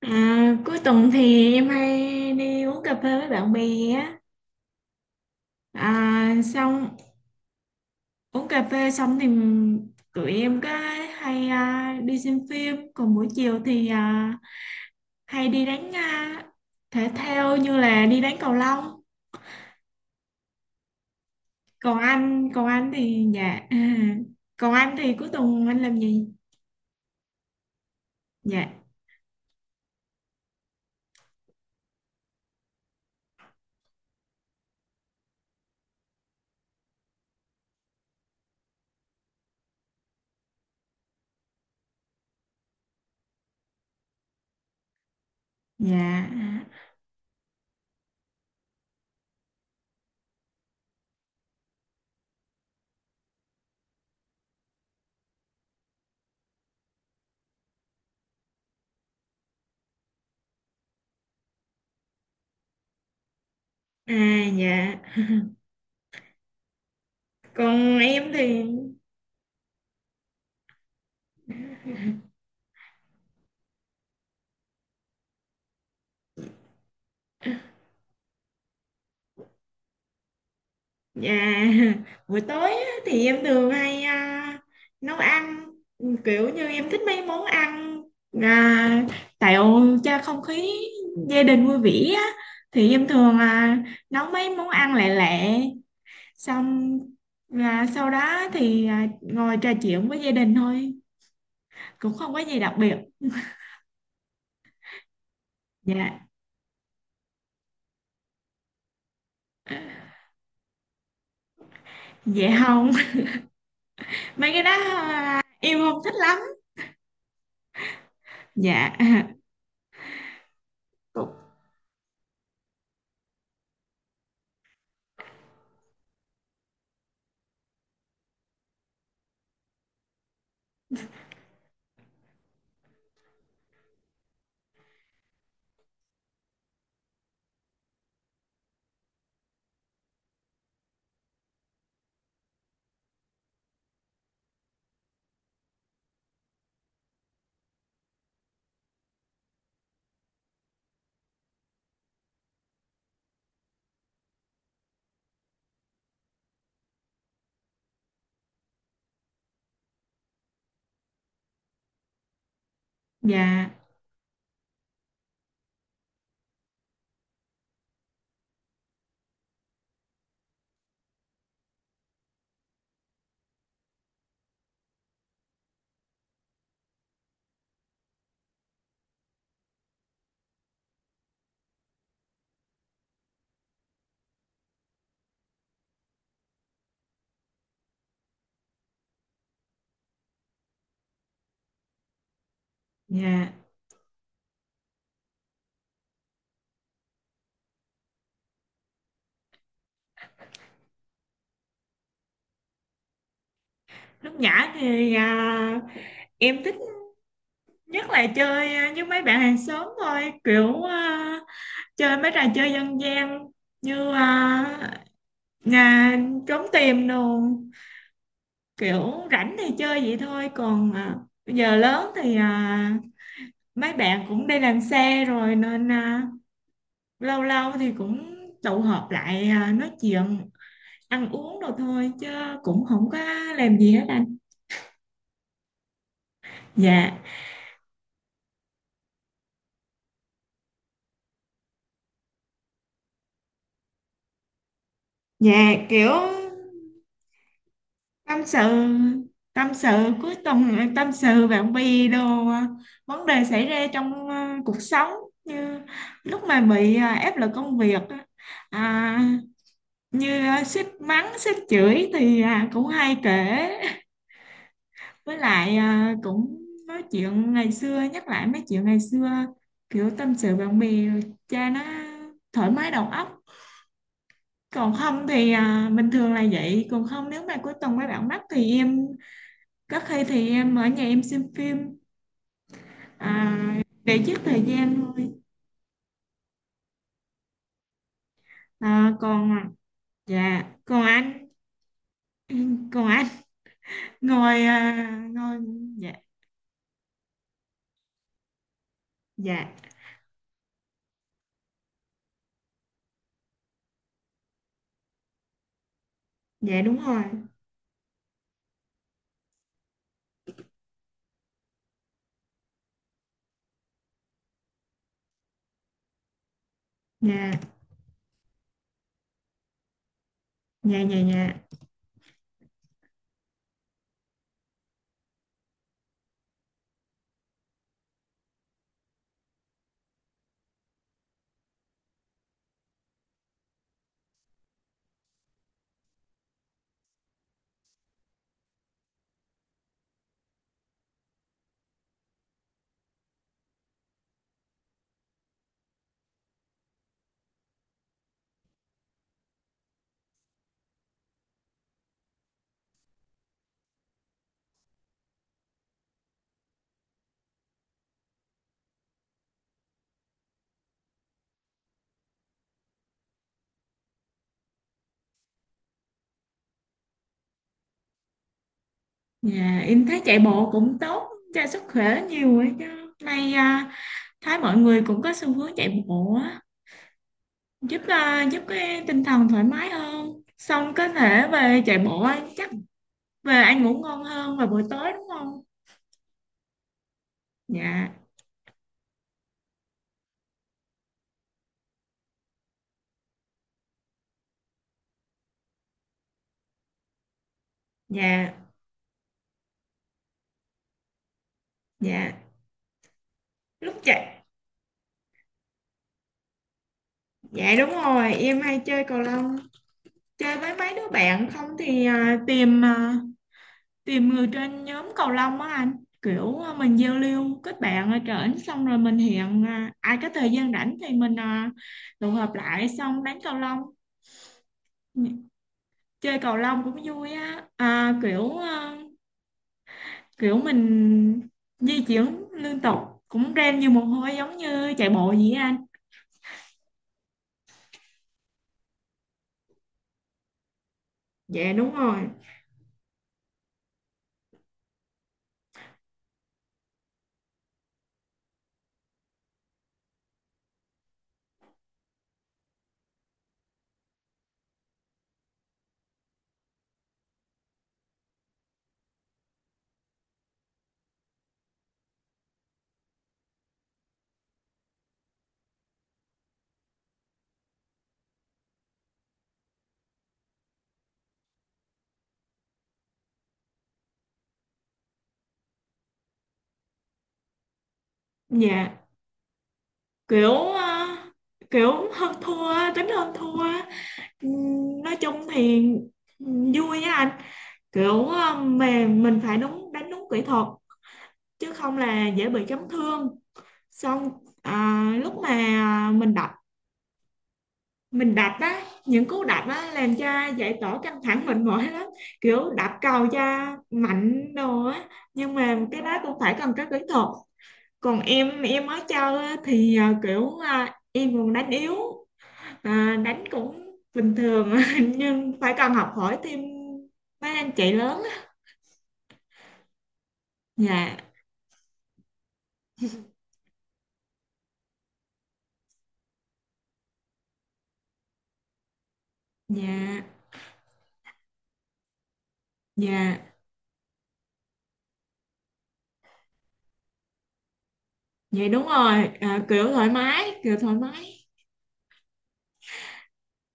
À, cuối tuần thì em hay đi uống cà phê với bạn bè á xong uống cà phê xong thì tụi em có hay đi xem phim, còn buổi chiều thì hay đi đánh thể thao như là đi đánh cầu lông. Còn anh thì dạ còn anh thì cuối tuần anh làm gì? Dạ, dạ dạ còn em thì. Dạ, buổi tối á, thì em thường hay nấu ăn, kiểu như em thích mấy món ăn, à, tạo cho không khí gia đình vui vẻ á. Thì em thường nấu mấy món ăn lẹ lẹ, xong là sau đó thì ngồi trò chuyện với gia đình thôi, cũng không có gì đặc biệt. Dạ, dạ không. Mấy cái đó em không thích lắm. Dạ, cũng- dạ, dạ, lúc nhỏ thì em thích nhất là chơi với mấy bạn hàng xóm thôi, kiểu chơi mấy trò chơi dân gian như nhà trốn tìm đồ, kiểu rảnh thì chơi vậy thôi. Còn bây giờ lớn thì mấy bạn cũng đi làm xe rồi nên lâu lâu thì cũng tụ họp lại nói chuyện ăn uống đồ thôi, chứ cũng không có làm gì hết anh. Dạ, dạ, kiểu tâm sự, tâm sự cuối tuần, tâm sự bạn bè đồ, vấn đề xảy ra trong cuộc sống, như lúc mà bị áp lực công việc á, à, như sếp mắng sếp chửi thì cũng hay kể. Với lại cũng nói chuyện ngày xưa, nhắc lại mấy chuyện ngày xưa, kiểu tâm sự bạn bè cha nó thoải mái đầu óc. Còn không thì bình thường là vậy, còn không nếu mà cuối tuần mấy bạn mắc thì em rất khi thì em ở nhà em xem phim để giết thời gian thôi. À, còn dạ còn anh, còn anh ngồi ngồi. Dạ, dạ, dạ đúng rồi. Dạ, dạ, dạ, dạ, dạ em thấy chạy bộ cũng tốt cho sức khỏe nhiều ấy chứ, nay thấy mọi người cũng có xu hướng chạy bộ á, giúp giúp cái tinh thần thoải mái hơn, xong có thể về chạy bộ á, chắc về ăn ngủ ngon hơn vào buổi tối, đúng không? Dạ, dạ, dạ lúc chạy. Dạ đúng rồi, em hay chơi cầu lông, chơi với mấy đứa bạn. Không thì tìm người trên nhóm cầu lông á anh, kiểu mình giao lưu kết bạn ở trển, xong rồi mình hẹn ai có thời gian rảnh thì mình tụ họp lại xong đánh cầu lông. Chơi cầu lông cũng vui á, kiểu mình di chuyển liên tục, cũng ren nhiều mồ hôi giống như chạy bộ vậy á anh. Dạ đúng rồi. Dạ kiểu kiểu hơn thua á, tính hơn thua á. Nói chung thì vui nha anh, kiểu mà mình phải đúng, đánh đúng kỹ thuật chứ không là dễ bị chấn thương. Xong lúc mà mình đập, mình đập á, những cú đập á làm cho giải tỏa căng thẳng mệt mỏi lắm, kiểu đập cầu cho mạnh đồ á, nhưng mà cái đó cũng phải cần có kỹ thuật. Còn em mới chơi á, thì kiểu em còn đánh yếu. À, đánh cũng bình thường nhưng phải cần học hỏi thêm mấy anh chị lớn á. Dạ, dạ, dạ, dạ đúng rồi, kiểu thoải mái, kiểu thoải mái,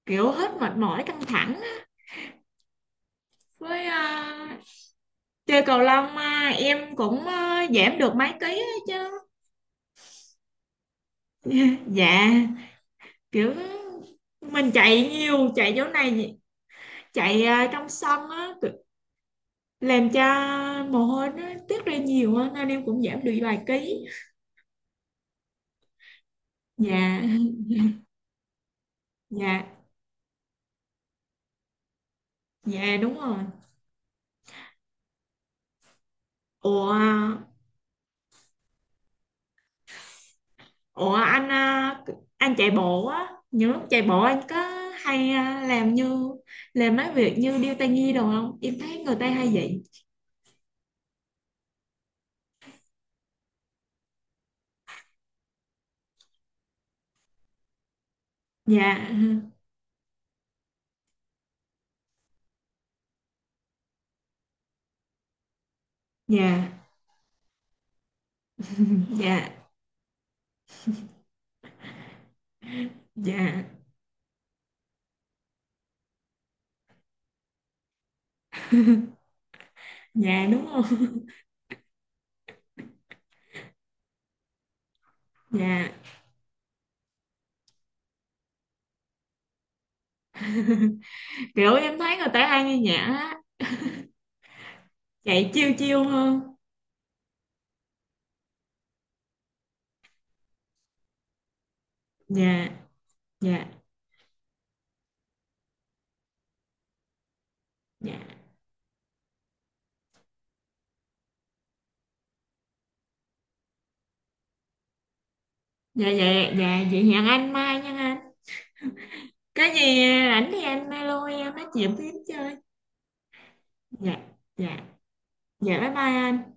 kiểu hết mệt mỏi căng thẳng á. Với chơi cầu lông em cũng giảm được mấy ký á chứ. Dạ, kiểu mình chạy nhiều, chạy chỗ này, chạy trong sân á, làm cho mồ hôi nó tiết ra nhiều á nên em cũng giảm được vài ký. Dạ, dạ. Dạ đúng rồi. Ủa, ủa, anh anh chạy bộ á, những lúc chạy bộ anh có hay làm mấy việc như điêu tai nhi đồ không? Em thấy người ta hay vậy. Dạ, dạ, dạ, dạ, dạ đúng rồi. Dạ, kiểu em thấy người ta hay nghe nhạc á, chạy chiêu chiêu hơn. Dạ, dạ, dạ, dạ, dạ, dạ, vậy hẹn anh mai nha anh. Cái gì ảnh thì anh alo em nói chuyện tiếp chơi. Dạ, dạ, dạ bye bye anh.